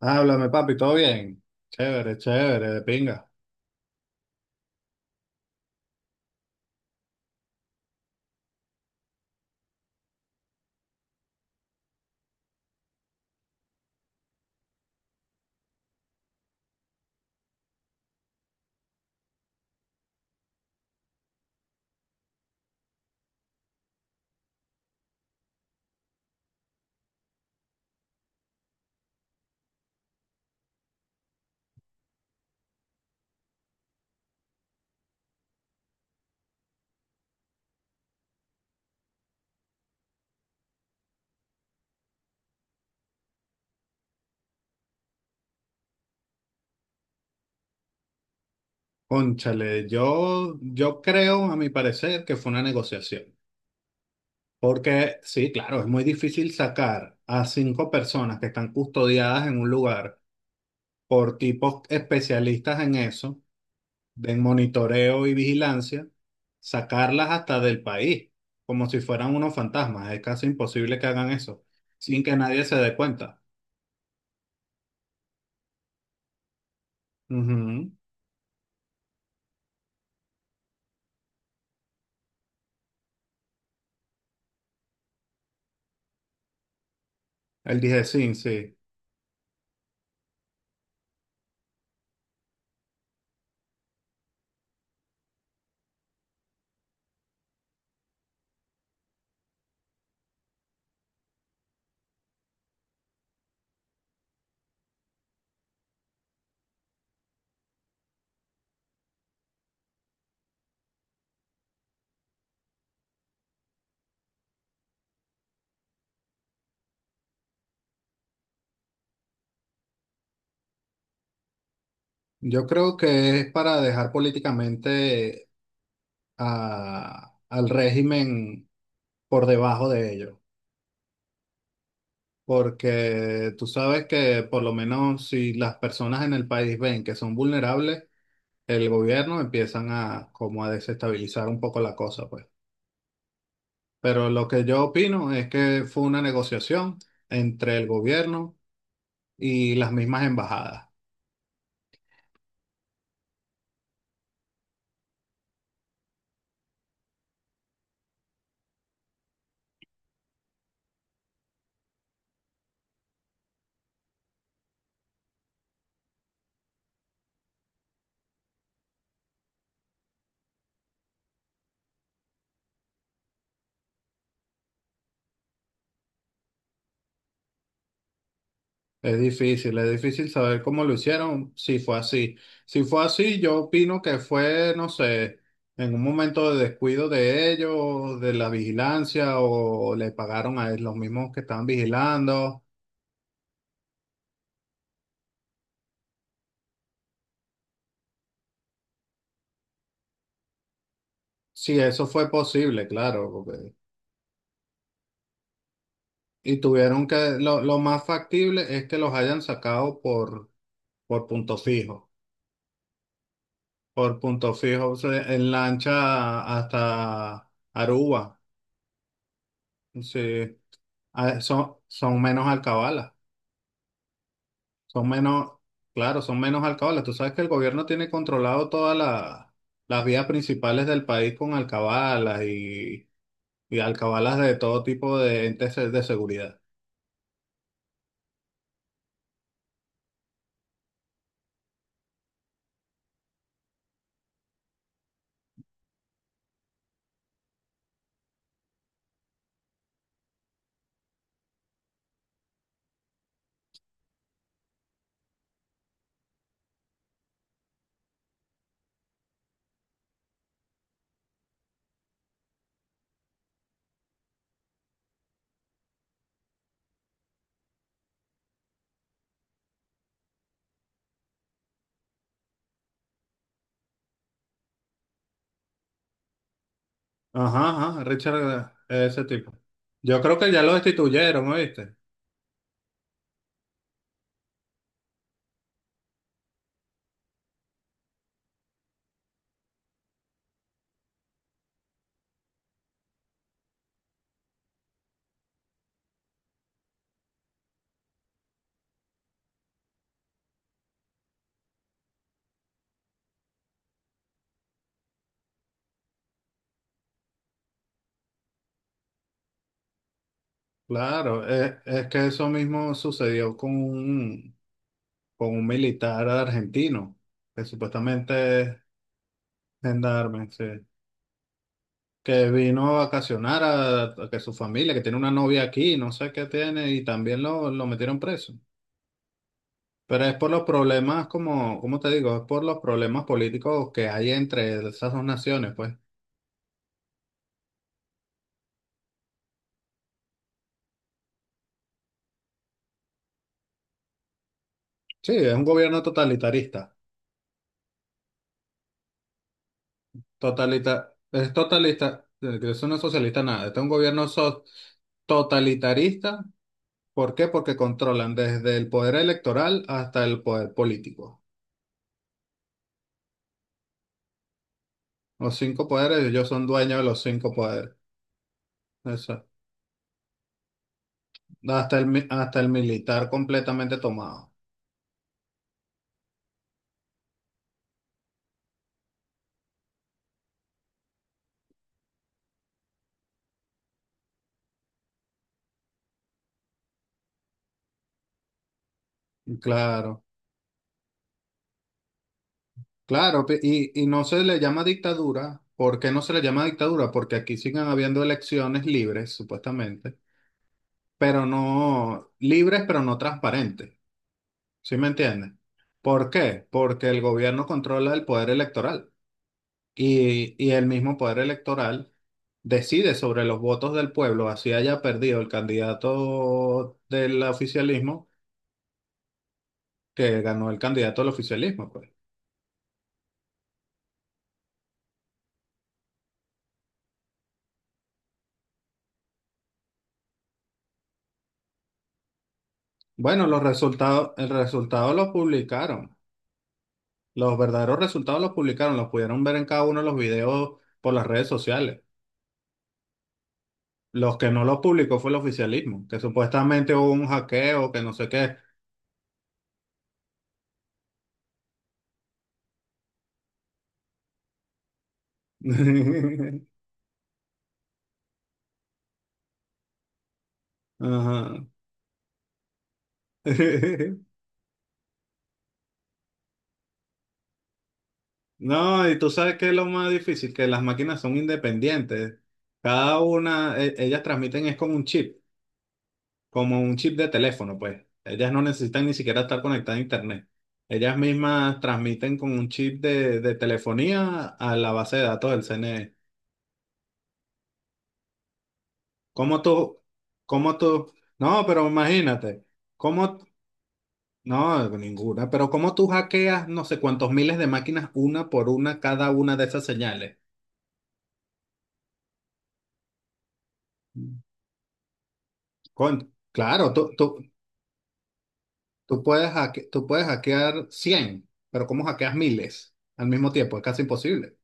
Háblame, papi, ¿todo bien? Chévere, chévere, de pinga. Cónchale, yo creo, a mi parecer, que fue una negociación. Porque sí, claro, es muy difícil sacar a cinco personas que están custodiadas en un lugar por tipos especialistas en eso, de monitoreo y vigilancia, sacarlas hasta del país, como si fueran unos fantasmas. Es casi imposible que hagan eso, sin que nadie se dé cuenta. Ujú. El dije sí. Sí. Yo creo que es para dejar políticamente al régimen por debajo de ellos, porque tú sabes que por lo menos si las personas en el país ven que son vulnerables, el gobierno empiezan a como a desestabilizar un poco la cosa, pues. Pero lo que yo opino es que fue una negociación entre el gobierno y las mismas embajadas. Es difícil saber cómo lo hicieron, si fue así. Si fue así, yo opino que fue, no sé, en un momento de descuido de ellos, de la vigilancia, o le pagaron a los mismos que estaban vigilando. Si eso fue posible, claro. Y tuvieron que, lo más factible es que los hayan sacado por punto fijo, por punto fijo, o sea, en lancha hasta Aruba. Sí, ah, son menos alcabalas. Son menos, claro, son menos alcabalas. Tú sabes que el gobierno tiene controlado todas las vías principales del país con alcabalas y alcabalas de todo tipo de entes de seguridad. Ajá, ajá, Richard, ese tipo. Yo creo que ya lo destituyeron, ¿oíste? Claro, es, que eso mismo sucedió con un militar argentino, que supuestamente es gendarme, sí. Que vino a vacacionar a que su familia, que tiene una novia aquí, no sé qué tiene, y también lo metieron preso. Pero es por los problemas, como, ¿cómo te digo? Es por los problemas políticos que hay entre esas dos naciones, pues. Sí, es un gobierno totalitarista. Totalita, es totalista, que eso no es socialista nada. Este es un gobierno totalitarista. ¿Por qué? Porque controlan desde el poder electoral hasta el poder político. Los cinco poderes, ellos son dueños de los cinco poderes. Eso. No, hasta el, hasta el militar completamente tomado. Claro, claro, y no se le llama dictadura. ¿Por qué no se le llama dictadura? Porque aquí siguen habiendo elecciones libres, supuestamente, pero no libres, pero no transparentes. ¿Sí me entiendes? ¿Por qué? Porque el gobierno controla el poder electoral y el mismo poder electoral decide sobre los votos del pueblo, así haya perdido el candidato del oficialismo que ganó el candidato al oficialismo, pues. Bueno, los resultados, el resultado lo publicaron. Los verdaderos resultados los publicaron, los pudieron ver en cada uno de los videos por las redes sociales. Los que no los publicó fue el oficialismo, que supuestamente hubo un hackeo, que no sé qué. Ajá. No, y tú sabes que es lo más difícil, que las máquinas son independientes. Cada una, ellas transmiten es con un chip, como un chip de teléfono, pues. Ellas no necesitan ni siquiera estar conectadas a internet. Ellas mismas transmiten con un chip de telefonía a la base de datos del CNE. ¿Cómo tú? ¿Cómo tú? No, pero imagínate. ¿Cómo? No, ninguna. Pero ¿cómo tú hackeas no sé cuántos miles de máquinas una por una cada una de esas señales? Claro, tú puedes tú puedes hackear 100, pero ¿cómo hackeas miles al mismo tiempo? Es casi imposible.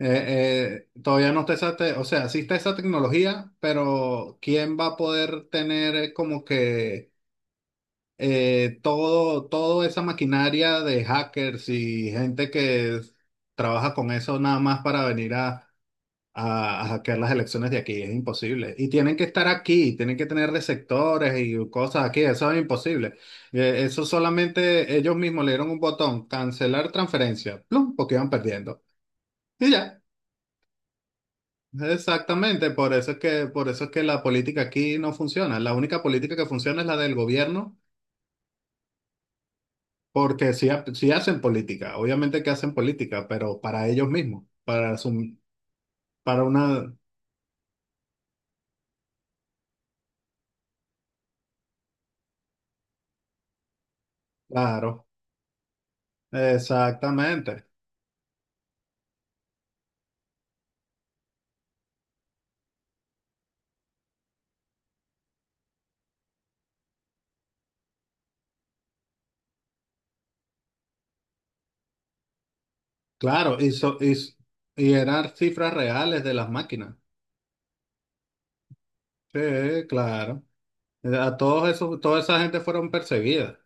Eh, todavía no está esa, o sea, existe esa tecnología, pero ¿quién va a poder tener como que todo, toda esa maquinaria de hackers y gente que trabaja con eso nada más para venir a hackear las elecciones de aquí? Es imposible. Y tienen que estar aquí, tienen que tener receptores y cosas aquí, eso es imposible. Eso solamente ellos mismos le dieron un botón, cancelar transferencia, plum, porque iban perdiendo. Y ya. Exactamente, por eso es que, por eso es que la política aquí no funciona. La única política que funciona es la del gobierno, porque sí, sí hacen política, obviamente que hacen política, pero para ellos mismos, para su, para una, claro, exactamente, claro, y eran cifras reales de las máquinas. Sí, claro. A todos esos, toda esa gente fueron perseguidas.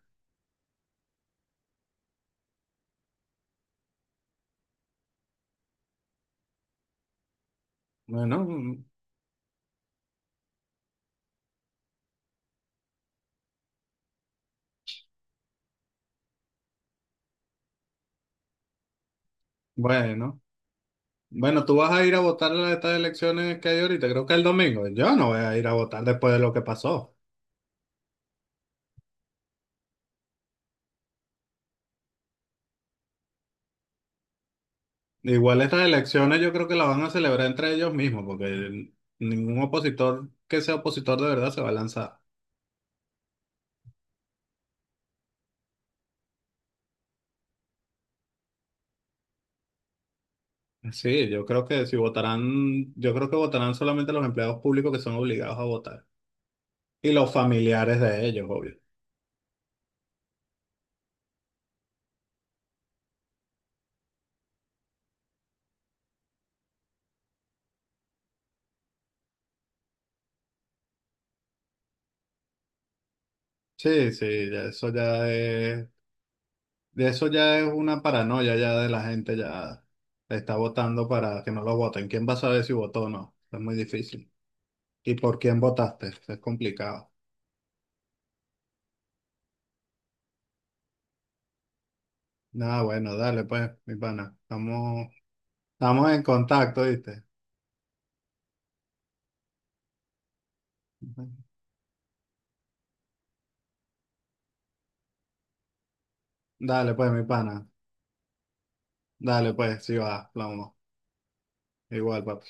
Bueno, bueno. Bueno. tú vas a ir a votar a estas elecciones que hay ahorita, creo que el domingo. Yo no voy a ir a votar después de lo que pasó. Igual estas elecciones yo creo que las van a celebrar entre ellos mismos, porque ningún opositor que sea opositor de verdad se va a lanzar. Sí, yo creo que si votarán, yo creo que votarán solamente los empleados públicos que son obligados a votar y los familiares de ellos, obvio. Sí, sí, ya eso ya es. De eso ya es una paranoia ya de la gente, ya está votando para que no lo voten. ¿Quién va a saber si votó o no? Es muy difícil. ¿Y por quién votaste? Es complicado. Nada, bueno, dale pues, mi pana. Estamos en contacto, ¿viste? Dale pues, mi pana. Dale pues, si va, plomo. Igual, papá.